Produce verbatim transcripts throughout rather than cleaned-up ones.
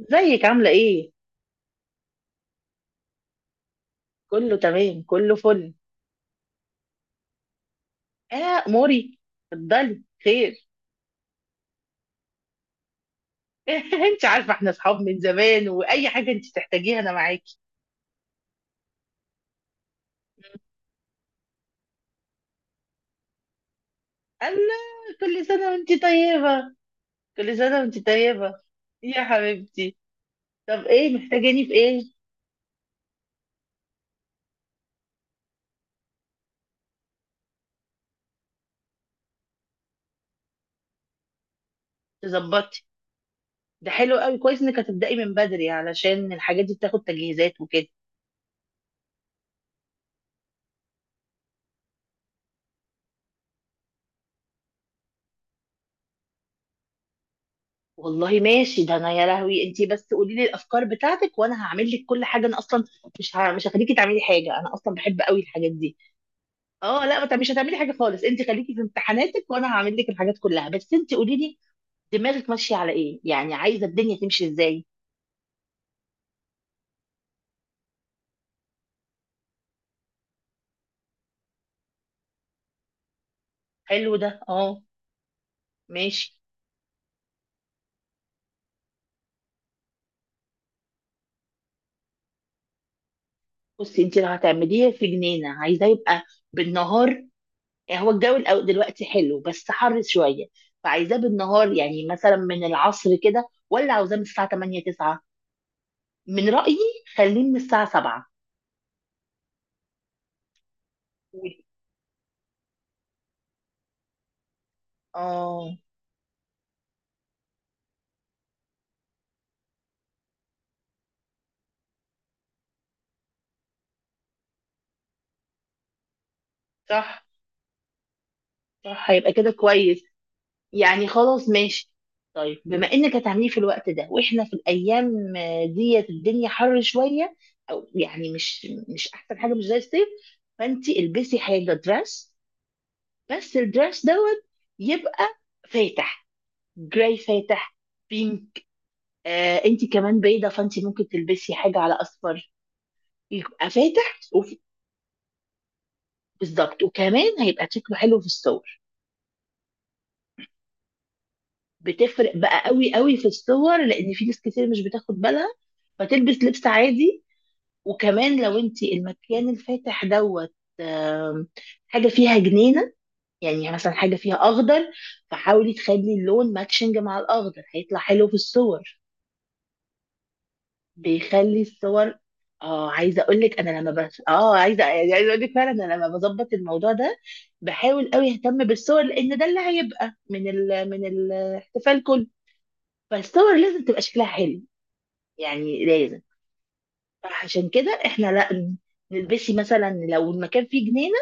ازيك عاملة ايه؟ كله تمام كله فل. اه موري. اتفضلي خير. انت عارفة احنا اصحاب من زمان واي حاجة انت تحتاجيها انا معاكي. الله، كل سنة وانت طيبة، كل سنة وانت طيبة، يا حبيبتي. طب ايه محتاجاني في ايه؟ تظبطي. ده حلو قوي، كويس انك هتبدأي من بدري علشان الحاجات دي بتاخد تجهيزات. والله ماشي، ده انا يا لهوي، انتي بس قولي لي الافكار بتاعتك وانا هعمل لك كل حاجه. انا اصلا مش ه... مش هخليكي تعملي حاجه، انا اصلا بحب قوي الحاجات دي. اه لا، ما تعمليش- مش هتعملي حاجه خالص، انتي خليكي في امتحاناتك وانا هعمل لك الحاجات كلها، بس انتي قولي لي دماغك ماشيه على ايه، يعني عايزه الدنيا تمشي ازاي. حلو ده، اه ماشي. بصي انتي لو هتعمليه في جنينه عايزاه يبقى بالنهار، يعني هو الجو الأو- دلوقتي حلو بس حر شويه، فعايزاه بالنهار يعني مثلا من العصر كده ولا عاوزاه من الساعه تمانية تسعة؟ من رأيي خليه من الساعة سبعة. اه صح، صح هيبقى كده كويس، يعني خلاص ماشي. طيب بما انك هتعمليه في الوقت ده واحنا في الايام آه، ديت الدنيا حر شويه، او يعني مش مش احسن حاجه، مش زي الصيف، فانت البسي حاجه دراس، بس الدراس دوت يبقى فاتح، جراي فاتح، بينك. آه انت كمان بيضه فانت ممكن تلبسي حاجه على اصفر، يبقى فاتح وف- بالظبط. وكمان هيبقى شكله حلو في الصور. بتفرق بقى قوي قوي في الصور، لان في ناس كتير مش بتاخد بالها فتلبس لبس عادي. وكمان لو انت المكان الفاتح دوت، آم، حاجه فيها جنينه، يعني مثلا حاجه فيها اخضر، فحاولي تخلي اللون ماتشنج مع الاخضر هيطلع حلو في الصور، بيخلي الصور. اه عايزه اقول لك، انا لما بس اه عايزه، يعني عايزه اقول لك فعلا انا لما بظبط الموضوع ده بحاول قوي اهتم بالصور، لان ده اللي هيبقى من ال... من الاحتفال كله. فالصور لازم تبقى شكلها حلو، يعني لازم. عشان كده احنا لا نلبسي مثلا، لو المكان فيه جنينة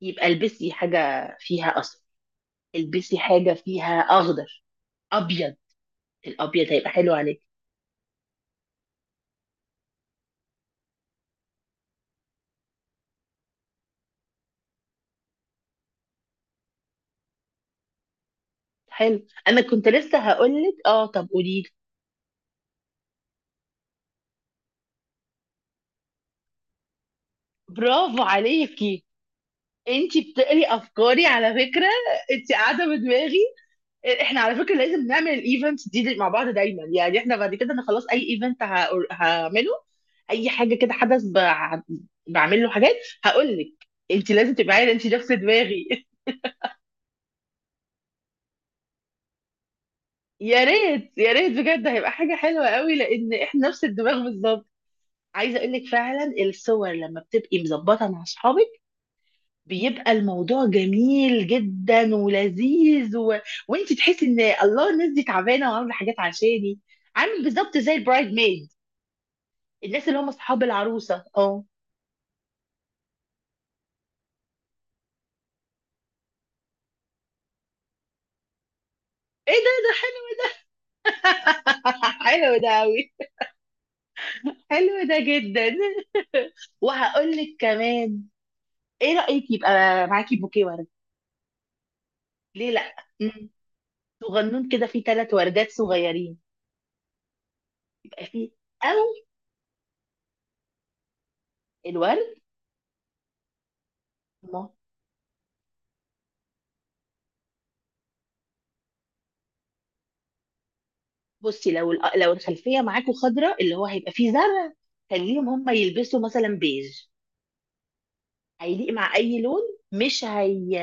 يبقى البسي حاجة فيها أصفر، البسي حاجة فيها أخضر، أبيض، الأبيض هيبقى حلو عليك. حلو، أنا كنت لسه هقولك، اه طب قوليلي، برافو عليكي، انتي بتقري أفكاري على فكرة، انتي قاعدة بدماغي. احنا على فكره لازم نعمل الايفنتس دي دي مع بعض دايما، يعني احنا بعد كده انا خلاص اي ايفنت هعمله، اي حاجه كده حدث بع- بعمل له حاجات. هقول لك انت لازم تبقى عارفه انت نفس دماغي. يا ريت يا ريت بجد، هيبقى حاجه حلوه قوي لان احنا نفس الدماغ بالظبط. عايزه اقول لك فعلا، الصور لما بتبقي مظبطه مع اصحابك بيبقى الموضوع جميل جدا ولذيذ و... وانت تحسي ان الله الناس دي تعبانه وعامله حاجات عشاني، عامل بالظبط زي البرايد ميد، الناس اللي هم اصحاب العروسه اه. ايه ده، ده حلو. حلو ده قوي، حلو ده جدا. وهقول لك كمان، ايه رايك يبقى معاكي بوكيه ورد؟ ليه لا مم. صغنون كده فيه ثلاث وردات صغيرين، يبقى فيه، او الورد. ما بصي، لو الأ- لو الخلفيه معاكوا خضراء اللي هو هيبقى فيه زرع، خليهم هم يلبسوا مثلا بيج، هيليق مع اي لون، مش هي،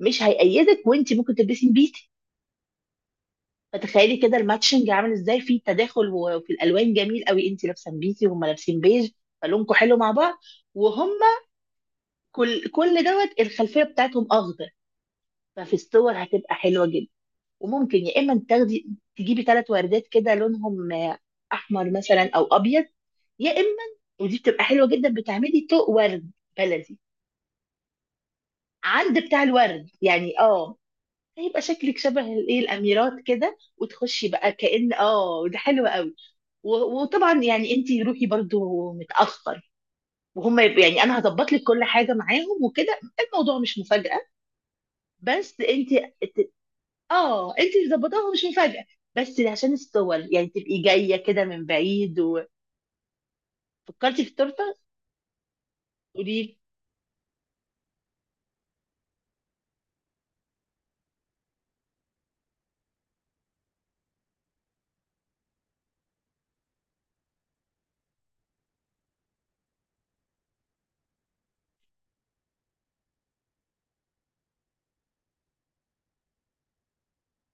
مش هيقيدك وانت ممكن تلبسي بيتي. فتخيلي كده الماتشنج عامل ازاي في تداخل و- وفي الالوان جميل قوي، انت لابسه بيتي وهم لابسين بيج، فلونكم حلو مع بعض، وهم كل كل دوت الخلفيه بتاعتهم اخضر، ففي الصور هتبقى حلوه جدا. وممكن يا اما تاخدي تجيبي ثلاث وردات كده لونهم آه، احمر مثلا او ابيض، يا اما ودي بتبقى حلوه جدا، بتعملي طوق ورد بلدي عند بتاع الورد يعني اه، هيبقى شكلك شبه الايه الاميرات كده وتخشي بقى كأن اه، ده حلو قوي. و- وطبعا يعني انت روحي برضو متأخر، وهم يبقوا يعني انا هظبط لك كل حاجه معاهم وكده الموضوع مش مفاجاه، بس انت ت- اه انت اللي ظبطاها، مش مفاجاه، بس عشان الصور يعني تبقي جايه كده من بعيد. وفكرتي في التورته قولي لي.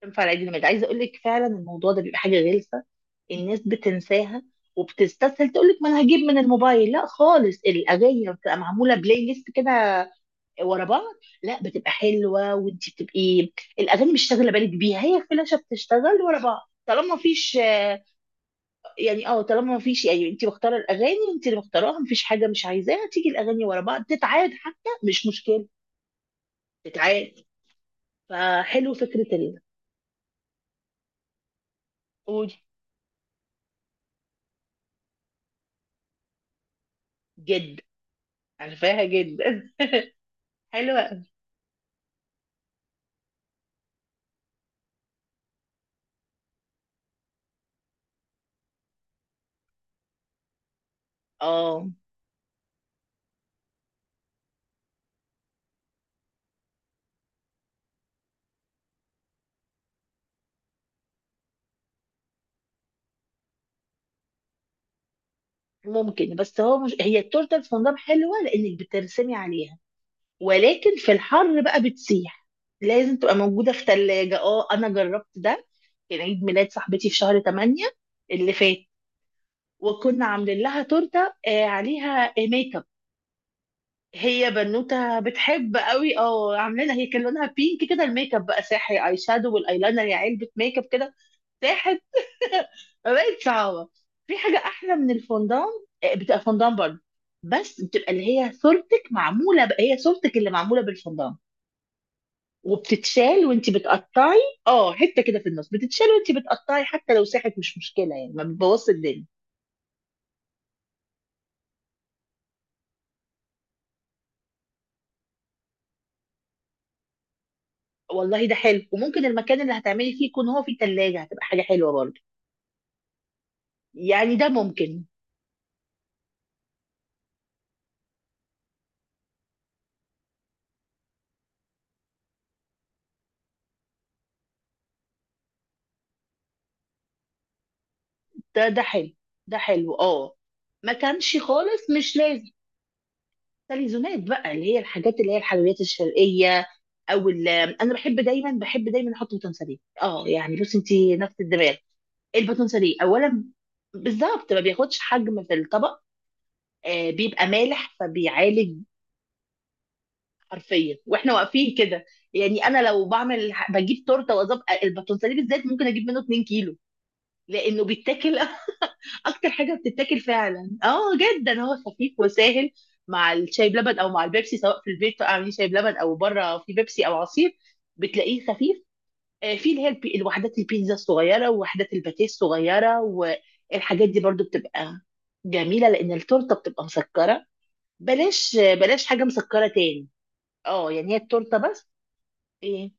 تنفع لعيد الميلاد. عايزه اقول لك فعلا الموضوع ده بيبقى حاجه غلسه، الناس بتنساها وبتستسهل تقول لك ما انا هجيب من الموبايل، لا خالص، الاغاني لما بتبقى معموله بلاي ليست كده ورا بعض لا بتبقى حلوه، وانت بتبقي الاغاني مش شاغله بالك بيها، هي فلاشه بتشتغل ورا بعض طالما مفيش آه، يعني اه طالما مفيش، يعني انت مختاره الاغاني، انت اللي مختاراها مفيش حاجه مش عايزاها تيجي، الاغاني ورا بعض تتعاد حتى مش مشكله، تتعاد. فحلو فكره ال قولي. جد؟ عارفاها جدا. حلوه اه. ممكن، بس هو مش هي التورته الفندق حلوه لانك بترسمي عليها، ولكن في الحر بقى بتسيح، لازم تبقى موجوده في ثلاجه. اه انا جربت ده، كان عيد ميلاد صاحبتي في شهر تمانية اللي فات، وكنا عاملين لها تورته آه، عليها ميك اب، هي بنوته بتحب قوي اه، عاملينها هي كان لونها بينك كده، الميك اب بقى ساحر، اي شادو والايلاينر، يا علبه ميك اب كده ساحر. بقت صعبة. في حاجة أحلى من الفondان، آه، بتبقى فondان برضه، بس بتبقى اللي هي صورتك معمولة بقى، هي صورتك اللي معمولة بالفondان، وبتتشال وانت بتقطعي. اه حتة كده في النص بتتشال وانت بتقطعي، حتى لو ساحت مش مشكلة يعني، ما بتبوظش الدنيا. والله ده حلو، وممكن المكان اللي هتعملي فيه يكون هو فيه تلاجة، هتبقى حاجة حلوة برضه، يعني ده ممكن. ده ده حلو، ده حلو اه، ما كانش خالص مش لازم. تليزونات بقى اللي هي الحاجات، اللي هي الحلويات الشرقية، او ال- انا بحب دايما بحب دايما احط باتون ساليه، اه يعني بص انت نفس الدماغ. الباتون ساليه اولا، بالظبط ما بياخدش حجم في الطبق، آه بيبقى مالح فبيعالج، حرفيا واحنا واقفين كده، يعني انا لو بعمل بجيب تورته واظبط الباتون ساليه بالذات ممكن اجيب منه 2 كيلو لانه بيتاكل. اكتر حاجه بتتاكل فعلا اه جدا، هو خفيف وسهل مع الشاي بلبن او مع البيبسي، سواء في البيت اعملي شاي بلبن او بره في بيبسي او عصير، بتلاقيه خفيف. آه، في اللي هي البي- الوحدات البيتزا الصغيره، ووحدات الباتيه الصغيره، والحاجات دي برضو بتبقى جميله، لان التورته بتبقى مسكره، بلاش آه، بلاش حاجه مسكره تاني، اه يعني هي التورته بس. ايه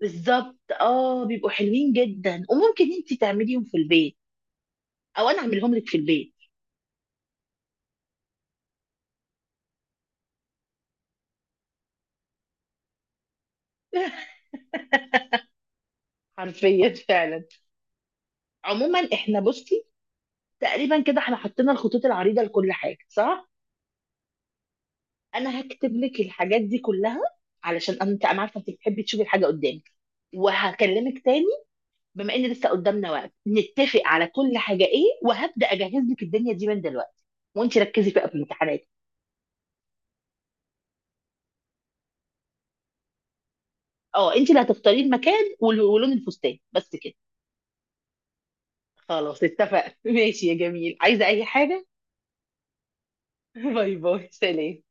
بالظبط اه، بيبقوا حلوين جدا، وممكن انت تعمليهم في البيت او انا اعملهم لك في البيت. حرفيا فعلا. عموما احنا بصي، تقريبا كده احنا حطينا الخطوط العريضه لكل حاجه صح، انا هكتب لك الحاجات دي كلها، علشان أنا- انت انا عارفه انت بتحبي تشوفي الحاجه قدامك، وهكلمك تاني بما ان لسه قدامنا وقت، نتفق على كل حاجه ايه، وهبدا اجهز لك الدنيا دي من دلوقتي، وانت ركزي بقى في الامتحانات. اه انت اللي هتختاري المكان وال- ولون الفستان، بس كده. خلاص اتفقنا. ماشي يا جميل، عايزه اي حاجه؟ باي باي، سلام.